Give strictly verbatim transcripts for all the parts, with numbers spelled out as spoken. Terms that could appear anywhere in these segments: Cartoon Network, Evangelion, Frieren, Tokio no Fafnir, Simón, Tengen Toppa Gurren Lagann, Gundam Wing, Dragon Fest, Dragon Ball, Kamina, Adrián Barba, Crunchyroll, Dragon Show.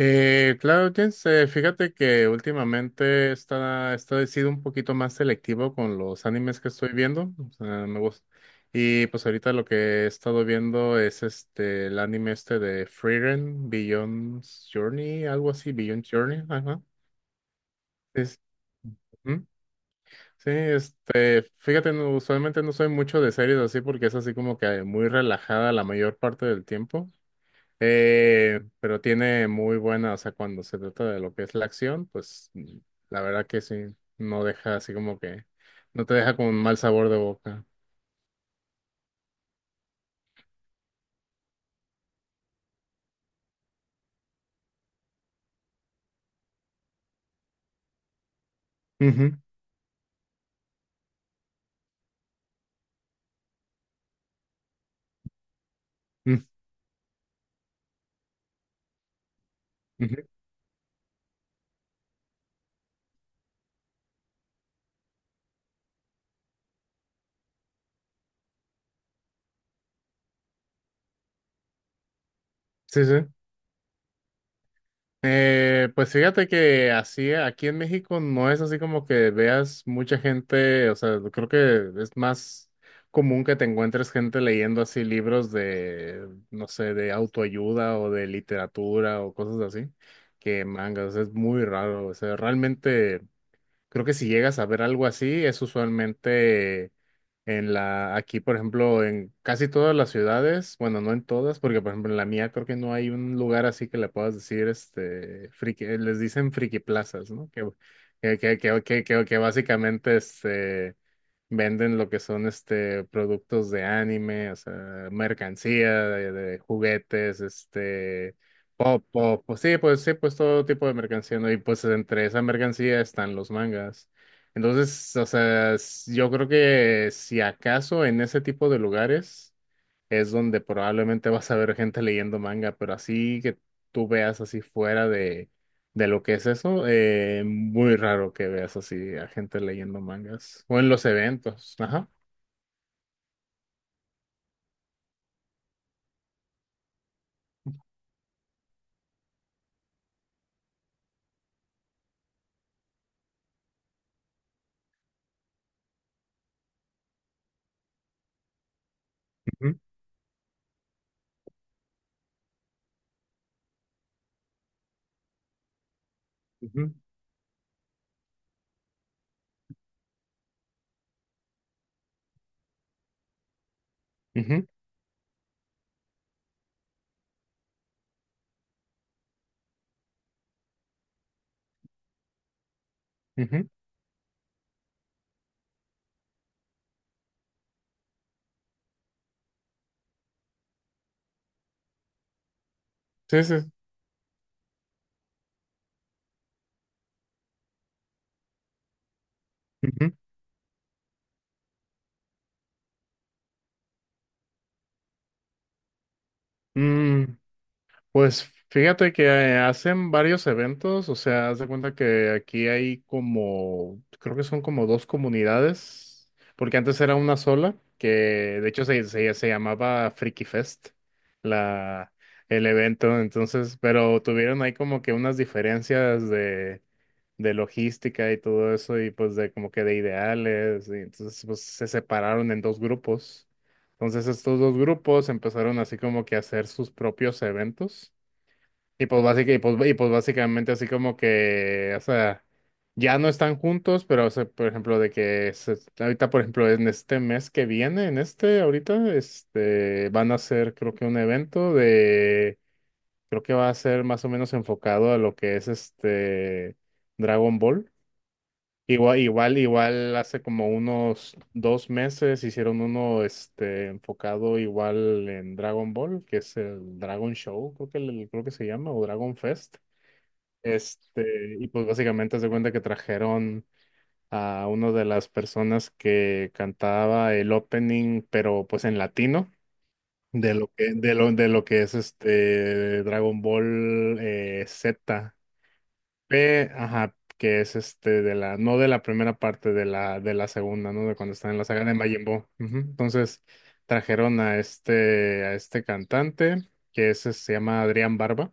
Eh, claro, Jens, eh, fíjate que últimamente está, está he sido un poquito más selectivo con los animes que estoy viendo. O sea, me gusta. Y pues ahorita lo que he estado viendo es este el anime este de Frieren, Beyond Journey, algo así, Beyond Journey, ajá. Es- Ujú. Sí, este, fíjate, no, usualmente no soy mucho de series así porque es así como que muy relajada la mayor parte del tiempo. Eh, pero tiene muy buena, o sea, cuando se trata de lo que es la acción, pues, mm, la verdad que sí, no deja así como que, no te deja con un mal sabor de boca. Ujú, mm, ujú. Sí, sí. Eh, pues fíjate que así, eh, aquí en México no es así como que veas mucha gente. O sea, creo que es más común que te encuentres gente leyendo así libros de, no sé, de autoayuda o de literatura o cosas así, que mangas. O sea, es muy raro. O sea, realmente creo que si llegas a ver algo así, es usualmente en la, aquí, por ejemplo, en casi todas las ciudades. Bueno, no en todas, porque por ejemplo en la mía creo que no hay un lugar así que le puedas decir, este, friki. Eh, les dicen friki plazas, ¿no? Que, que, que, que, que, que- que básicamente, este, venden lo que son, este, productos de anime. O sea, mercancía, de, de, juguetes, este, pop, pop, pues sí, pues sí, pues todo tipo de mercancía, ¿no? Y pues entre esa mercancía están los mangas. Entonces, o sea, s- yo creo que si acaso en ese tipo de lugares es donde probablemente vas a ver gente leyendo manga, pero así que tú veas así fuera de, de lo que es eso, eh, muy raro que veas así a gente leyendo mangas o en los eventos. Ajá. Ujú, ujú, ujú, ujú. Sí, sí. Ujú. Mm, Pues fíjate que, eh, hacen varios eventos. O sea, haz de cuenta que aquí hay como, creo que son como dos comunidades, porque antes era una sola, que de hecho se, se, se llamaba Freaky Fest, la, el evento. Entonces, pero tuvieron ahí como que unas diferencias de, de logística y todo eso, y pues de como que de ideales, y entonces pues se separaron en dos grupos. Entonces estos dos grupos empezaron así como que a hacer sus propios eventos. Y pues, básica- y pues, y pues básicamente así como que, o sea, ya no están juntos, pero, o sea, por ejemplo, de que se- ahorita, por ejemplo, en este mes que viene, en este, ahorita, este, van a hacer, creo que un evento de, creo que va a ser más o menos enfocado a lo que es este Dragon Ball. Igual, igual, igual hace como unos dos meses hicieron uno, este, enfocado igual en Dragon Ball, que es el Dragon Show, creo que, le- creo que se llama, o Dragon Fest. Este, y pues básicamente se cuenta que trajeron a una de las personas que cantaba el opening, pero pues en latino, de lo que, de lo, de lo que es este Dragon Ball, eh, Z, P, ajá, que es este de la, no de la primera parte, de la, de la, segunda, ¿no? De cuando están en la saga de Majin Buu. Ujú. Entonces, trajeron a este, a este cantante, que es, este, se llama Adrián Barba.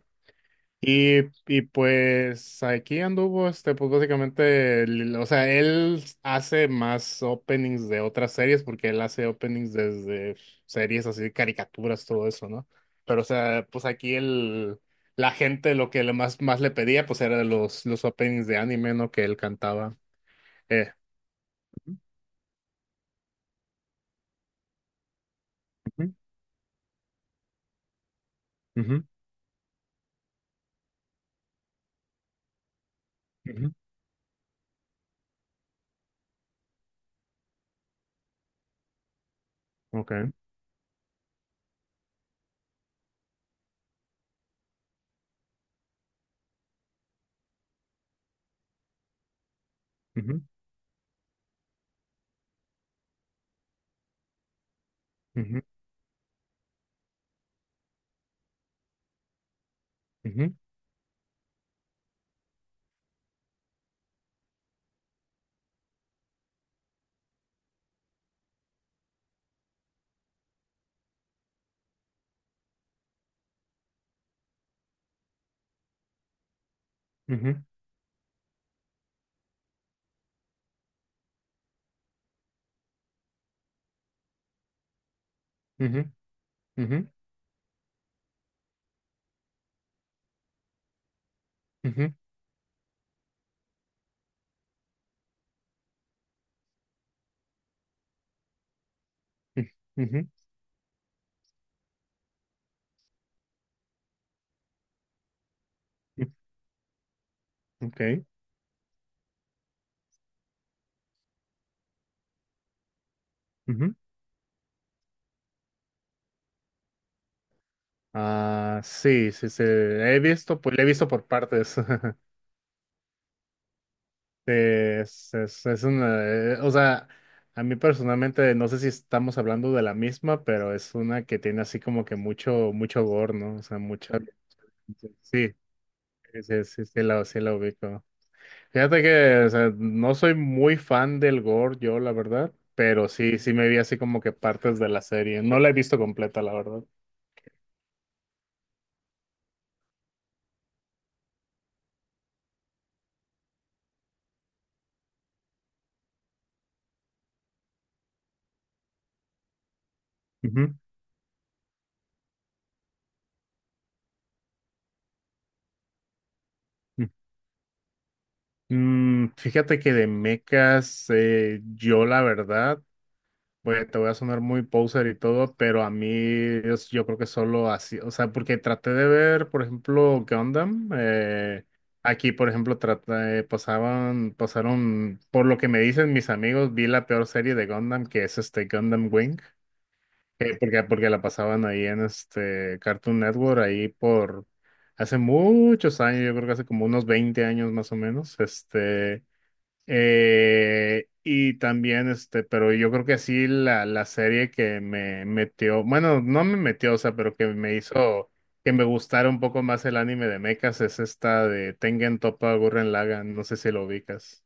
Y, y pues aquí anduvo, este, pues básicamente, el- o sea, él hace más openings de otras series porque él hace openings desde series así, caricaturas, todo eso, ¿no? Pero, o sea, pues aquí el, la gente lo que le más, más le pedía, pues era los, los openings de anime, ¿no? Que él cantaba. Eh. Ujú, ujú, ujú, ok, ujú, ujú, ujú, ujú, ujú, ujú, ujú, ujú, ujú, ujú, ok. Ah, sí, sí, sí, he visto, pues le he visto por partes. Eh, Es, es, es una, eh, o sea, a mí personalmente no sé si estamos hablando de la misma, pero es una que tiene así como que mucho, mucho gore, ¿no? O sea, mucha, sí, sí, sí, sí, sí la, sí la ubico. Fíjate que, o sea, no soy muy fan del gore, yo, la verdad, pero sí, sí me vi así como que partes de la serie. No la he visto completa, la verdad. Ujú. Mm, fíjate que de mechas, eh, yo la verdad, pues te voy a sonar muy poser y todo, pero a mí es- yo creo que solo así. O sea, porque traté de ver, por ejemplo, Gundam, eh, aquí, por ejemplo, trata, eh, pasaban, pasaron, por lo que me dicen mis amigos, vi la peor serie de Gundam, que es este Gundam Wing, eh, porque, porque la pasaban ahí en este Cartoon Network, ahí por... Hace muchos años, yo creo que hace como unos veinte años más o menos. Este, eh, y también, este, pero yo creo que sí, la, la, serie que me metió, bueno, no me metió, o sea, pero que me hizo que me gustara un poco más el anime de mechas es esta de Tengen Toppa Gurren Lagann, no sé si lo ubicas.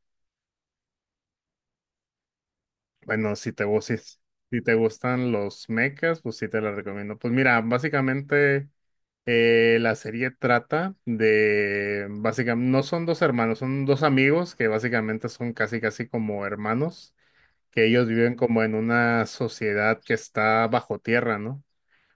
Bueno, si te, gu- si, si te gustan los mechas, pues sí te la recomiendo. Pues mira, básicamente, eh, la serie trata de, básicamente, no son dos hermanos, son dos amigos que básicamente son casi, casi como hermanos, que ellos viven como en una sociedad que está bajo tierra, ¿no?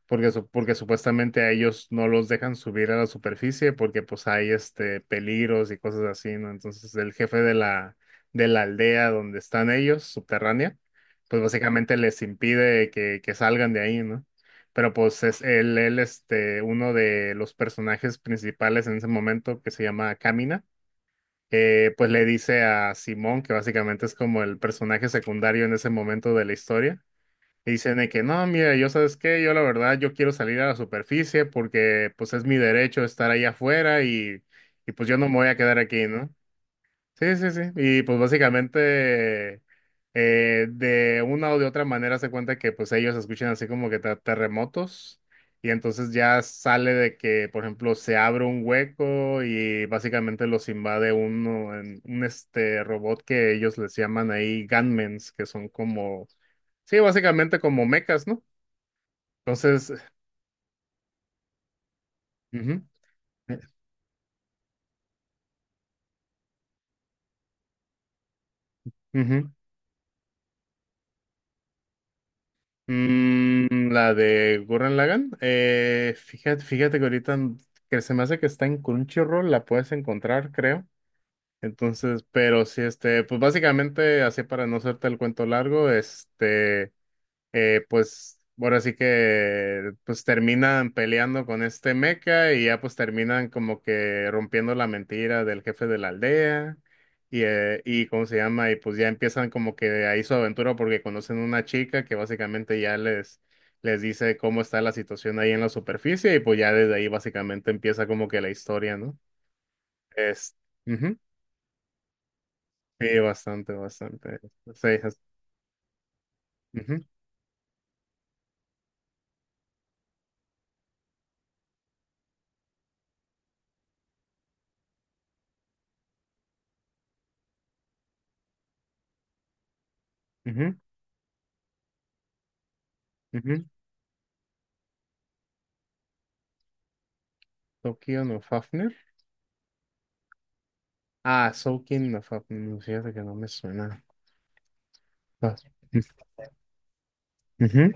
Porque, su- porque supuestamente a ellos no los dejan subir a la superficie porque pues hay este peligros y cosas así, ¿no? Entonces el jefe de la, de la aldea donde están ellos, subterránea, pues básicamente les impide que, que salgan de ahí, ¿no? Pero pues es él, él, este, uno de los personajes principales en ese momento que se llama Kamina, eh, pues le dice a Simón, que básicamente es como el personaje secundario en ese momento de la historia, le dicen de que no, mira, yo sabes qué, yo la verdad, yo quiero salir a la superficie porque pues es mi derecho estar ahí afuera, y, y pues yo no me voy a quedar aquí, ¿no? Sí, sí, sí. Y pues básicamente, eh, de una o de otra manera se cuenta que pues ellos escuchan así como que te- terremotos, y entonces ya sale de que, por ejemplo, se abre un hueco y básicamente los invade uno, en- un este robot que ellos les llaman ahí gunmen's, que son como, sí, básicamente como mechas, ¿no? Entonces, ujú, ujú. Mm, la de Gurren Lagann. Eh, fíjate, fíjate que ahorita n- que se me hace que está en Crunchyroll, la puedes encontrar, creo. Entonces, pero sí, este, pues básicamente, así para no hacerte el cuento largo, este, eh, pues ahora sí que pues terminan peleando con este mecha, y ya pues terminan como que rompiendo la mentira del jefe de la aldea y, eh, y cómo se llama, y pues ya empiezan como que ahí su aventura porque conocen una chica que básicamente ya les les dice cómo está la situación ahí en la superficie, y pues ya desde ahí básicamente empieza como que la historia, ¿no? Es, ujú. Sí, bastante, bastante. Sí, es- ujú, ujú, ujú. Tokio no Fafnir. Ah, Soul King of Up- Fíjate que no me suena. Ah, ujú,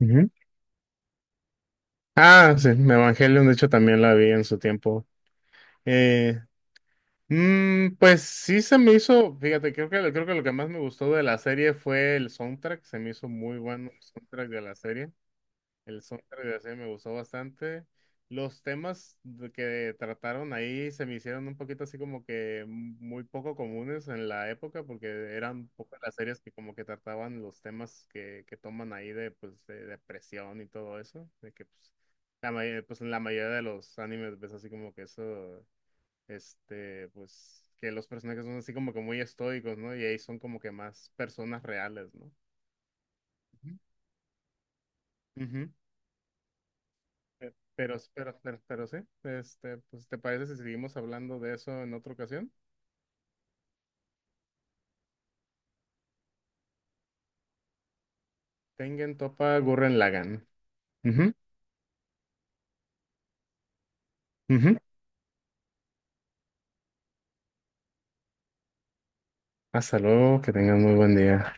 ujú. Ah, sí, Evangelion, de hecho, también la vi en su tiempo. Eh, mm, pues sí se me hizo, fíjate, creo que, creo que lo que más me gustó de la serie fue el soundtrack, se me hizo muy bueno el soundtrack de la serie. El soundtrack de la serie me gustó bastante. Los temas de- que trataron ahí se me hicieron un poquito así como que muy poco comunes en la época, porque eran pocas las series que como que trataban los temas que, que toman ahí de pues de depresión y todo eso, de que pues la mayoría, pues en la mayoría de los animes ves así como que eso. Este, pues que los personajes son así como que muy estoicos, ¿no? Y ahí son como que más personas reales, ¿no? Ujú. Ujú. Eh, Pero, pero, pero, pero sí, este, pues, ¿te parece si seguimos hablando de eso en otra ocasión? Tengen Topa Gurren Lagann. Ujú, ujú. Hasta luego, que tengan muy buen día.